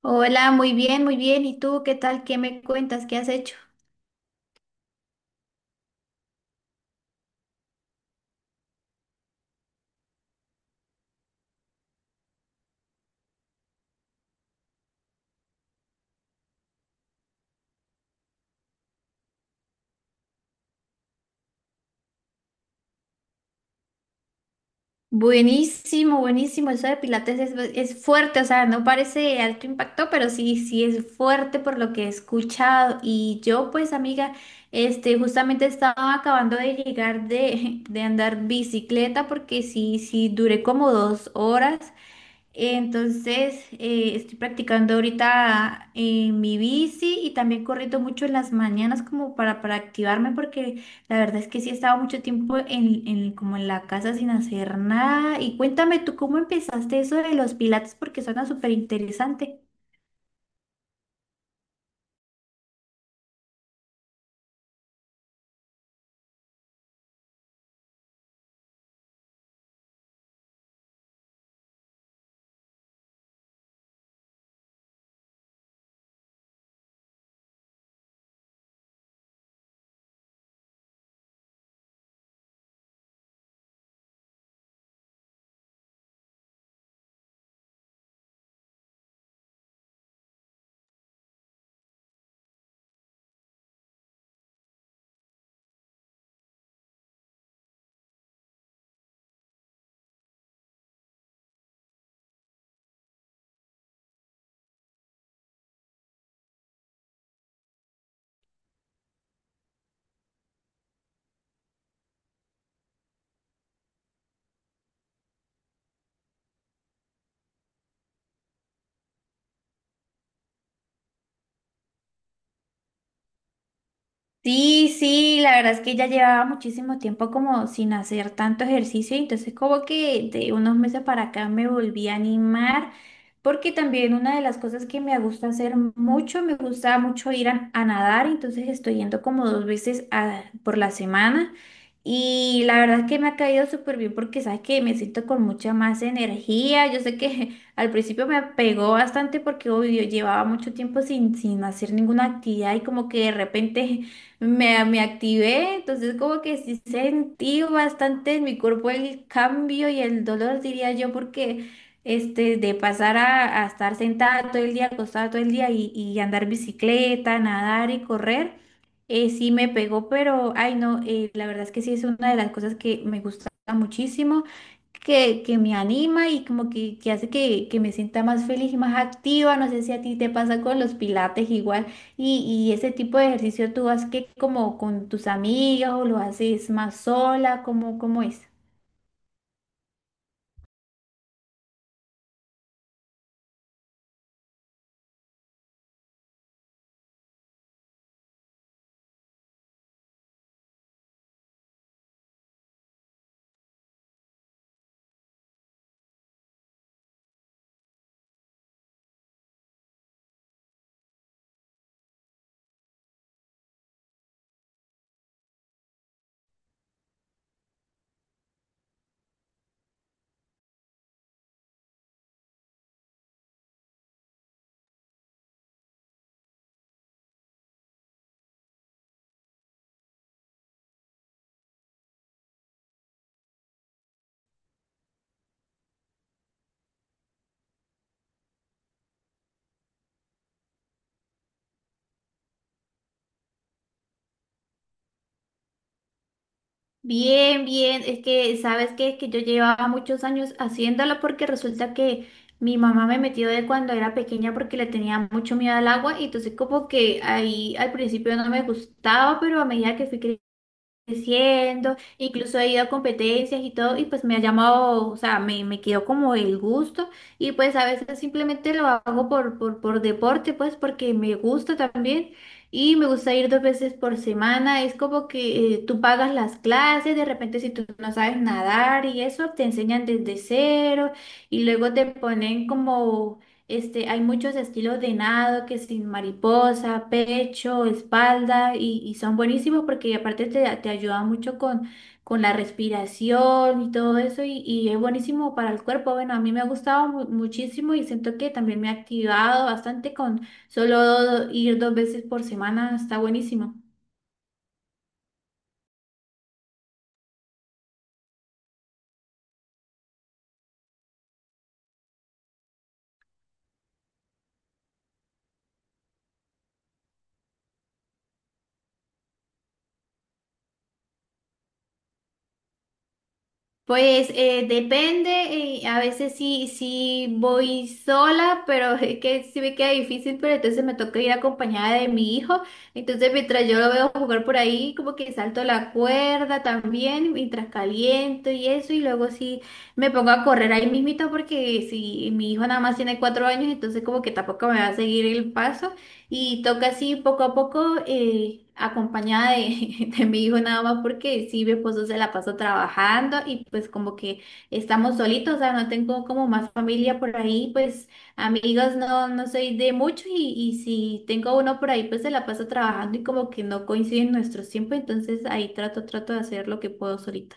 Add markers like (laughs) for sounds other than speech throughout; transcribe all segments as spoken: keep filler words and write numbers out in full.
Hola, muy bien, muy bien. ¿Y tú qué tal? ¿Qué me cuentas? ¿Qué has hecho? Buenísimo, buenísimo. Eso de Pilates es, es fuerte, o sea, no parece de alto impacto, pero sí, sí es fuerte por lo que he escuchado. Y yo, pues, amiga, este, justamente estaba acabando de llegar de, (laughs) de andar bicicleta porque sí, sí, duré como dos horas. Entonces, eh, estoy practicando ahorita eh, mi bici y también corriendo mucho en las mañanas como para, para activarme porque la verdad es que sí he estado mucho tiempo en, en- como en la casa sin hacer nada. Y cuéntame tú cómo empezaste eso de los pilates porque suena súper interesante. Sí, sí, la verdad es que ya llevaba muchísimo tiempo como sin hacer tanto ejercicio, y entonces como que de unos meses para acá me volví a animar, porque también una de las cosas que me gusta hacer mucho, me gusta mucho ir a, a nadar, entonces estoy yendo como dos veces a- por la semana y la verdad es que me ha caído súper bien porque sabes que me siento con mucha más energía. Yo sé que (laughs) al principio me pegó bastante porque obvio, llevaba mucho tiempo sin, sin hacer ninguna actividad y como que de repente me, me activé, entonces como que sí sentí bastante en mi cuerpo el cambio y el dolor, diría yo, porque este, de pasar a, a estar sentada todo el día, acostada todo el día y, y andar bicicleta, nadar y correr, eh, sí me pegó, pero ay no, eh, la verdad es que sí es una de las cosas que me gusta muchísimo. Que, que me anima y como que, que hace que, que me sienta más feliz y más activa. No sé si a ti te pasa con los pilates igual. Y, y ese tipo de ejercicio tú haces que como con tus amigas o lo haces más sola, ¿cómo, cómo es? Bien, bien, es que sabes que es que yo llevaba muchos años haciéndolo porque resulta que mi mamá me metió de cuando era pequeña porque le tenía mucho miedo al agua y entonces como que ahí al principio no me gustaba, pero a medida que fui creciendo, incluso he ido a competencias y todo, y pues me ha llamado, o sea, me, me quedó como el gusto, y pues a veces simplemente lo hago por, por, por deporte, pues porque me gusta también, y me gusta ir dos veces por semana. Es como que eh, tú pagas las clases, de repente si tú no sabes nadar y eso, te enseñan desde cero, y luego te ponen como... Este, hay muchos estilos de nado que sin mariposa, pecho, espalda y, y son buenísimos porque aparte te, te ayuda mucho con, con la respiración y todo eso y, y es buenísimo para el cuerpo. Bueno, a mí me ha gustado mu- muchísimo y siento que también me ha activado bastante con solo ir dos veces por semana, está buenísimo. Pues eh, depende, eh, a veces sí, sí voy sola, pero (laughs) es que sí me queda difícil, pero entonces me toca ir acompañada de mi hijo. Entonces mientras yo lo veo jugar por ahí, como que salto la cuerda también, mientras caliento y eso, y luego sí me pongo a correr ahí mismito porque si mi hijo nada más tiene cuatro años, entonces como que tampoco me va a seguir el paso. Y toca así poco a poco, eh, acompañada de, (laughs) de mi hijo nada más, porque sí, mi esposo se la pasó trabajando y pues como que estamos solitos, o sea, no tengo como más familia por ahí, pues amigos no, no soy de mucho y, y si tengo uno por ahí, pues se la paso trabajando y como que no coinciden nuestros tiempos, entonces ahí trato, trato de hacer lo que puedo solita.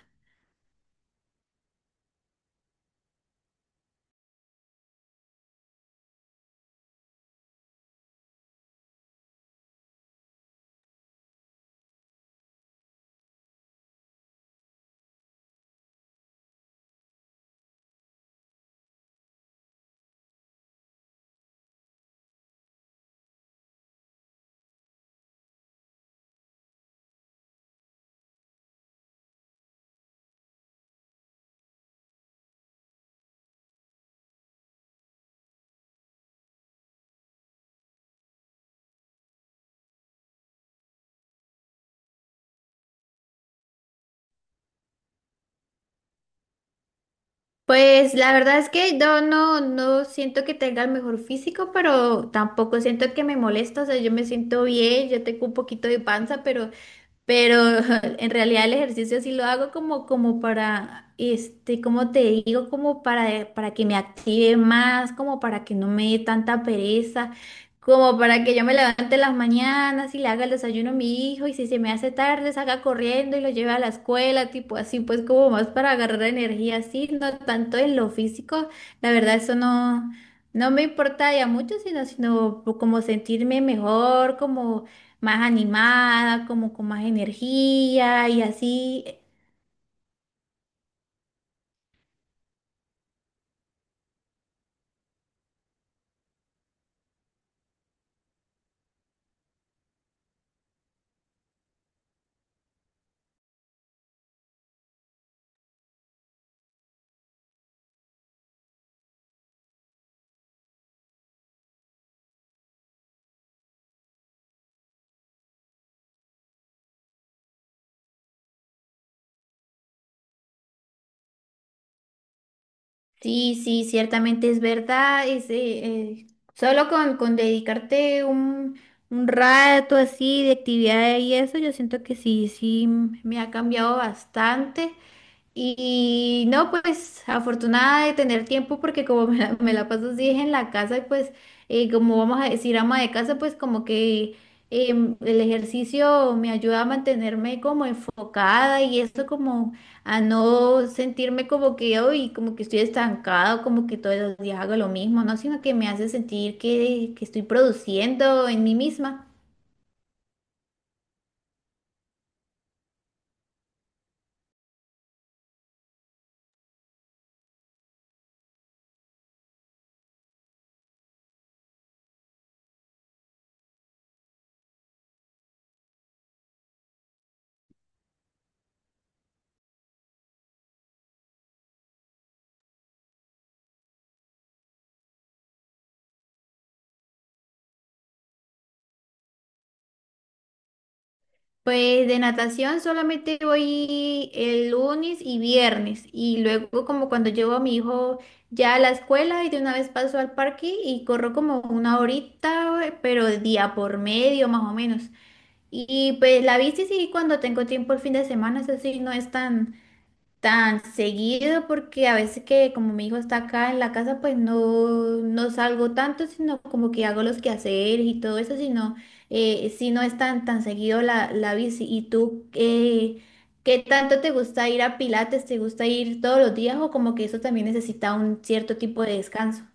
Pues la verdad es que yo no, no siento que tenga el mejor físico, pero tampoco siento que me molesta, o sea, yo me siento bien, yo tengo un poquito de panza, pero pero (laughs) en realidad el ejercicio sí lo hago como, como para, este, como te digo, como para, para que me active más, como para que no me dé tanta pereza, como para que yo me levante en las mañanas y le haga el desayuno a mi hijo y si se me hace tarde salga corriendo y lo lleve a la escuela, tipo así, pues como más para agarrar energía así, no tanto en lo físico, la verdad eso no, no me importa ya mucho, sino, sino como sentirme mejor, como más animada, como con más energía y así. Sí, sí, ciertamente es verdad. Es, eh, eh, solo con, con dedicarte un, un rato así de actividad y eso, yo siento que sí, sí, me ha cambiado bastante. Y no, pues afortunada de tener tiempo porque como (laughs) me la, me la paso así en la casa y pues eh, como vamos a decir ama de casa, pues como que em, el ejercicio me ayuda a mantenerme como enfocada y esto como a no sentirme como que hoy como que estoy estancada, o como que todos los días hago lo mismo, no, sino que me hace sentir que, que estoy produciendo en mí misma. Pues de natación solamente voy el lunes y viernes y luego como cuando llevo a mi hijo ya a la escuela y de una vez paso al parque y corro como una horita, eh, pero día por medio más o menos. Y pues la bici sí cuando tengo tiempo el fin de semana, eso sí no es tan tan seguido porque a veces que como mi hijo está acá en la casa, pues no, no salgo tanto, sino como que hago los quehaceres y todo eso, sino eh, si no es tan, tan seguido la, la bici. ¿Y tú eh, qué tanto te gusta ir a Pilates? ¿Te gusta ir todos los días o como que eso también necesita un cierto tipo de descanso?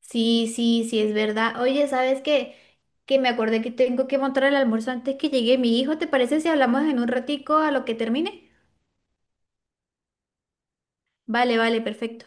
Sí, sí, sí, es verdad. Oye, ¿sabes qué? Que me acordé que tengo que montar el almuerzo antes que llegue mi hijo. ¿Te parece si hablamos en un ratico a lo que termine? Vale, vale, perfecto.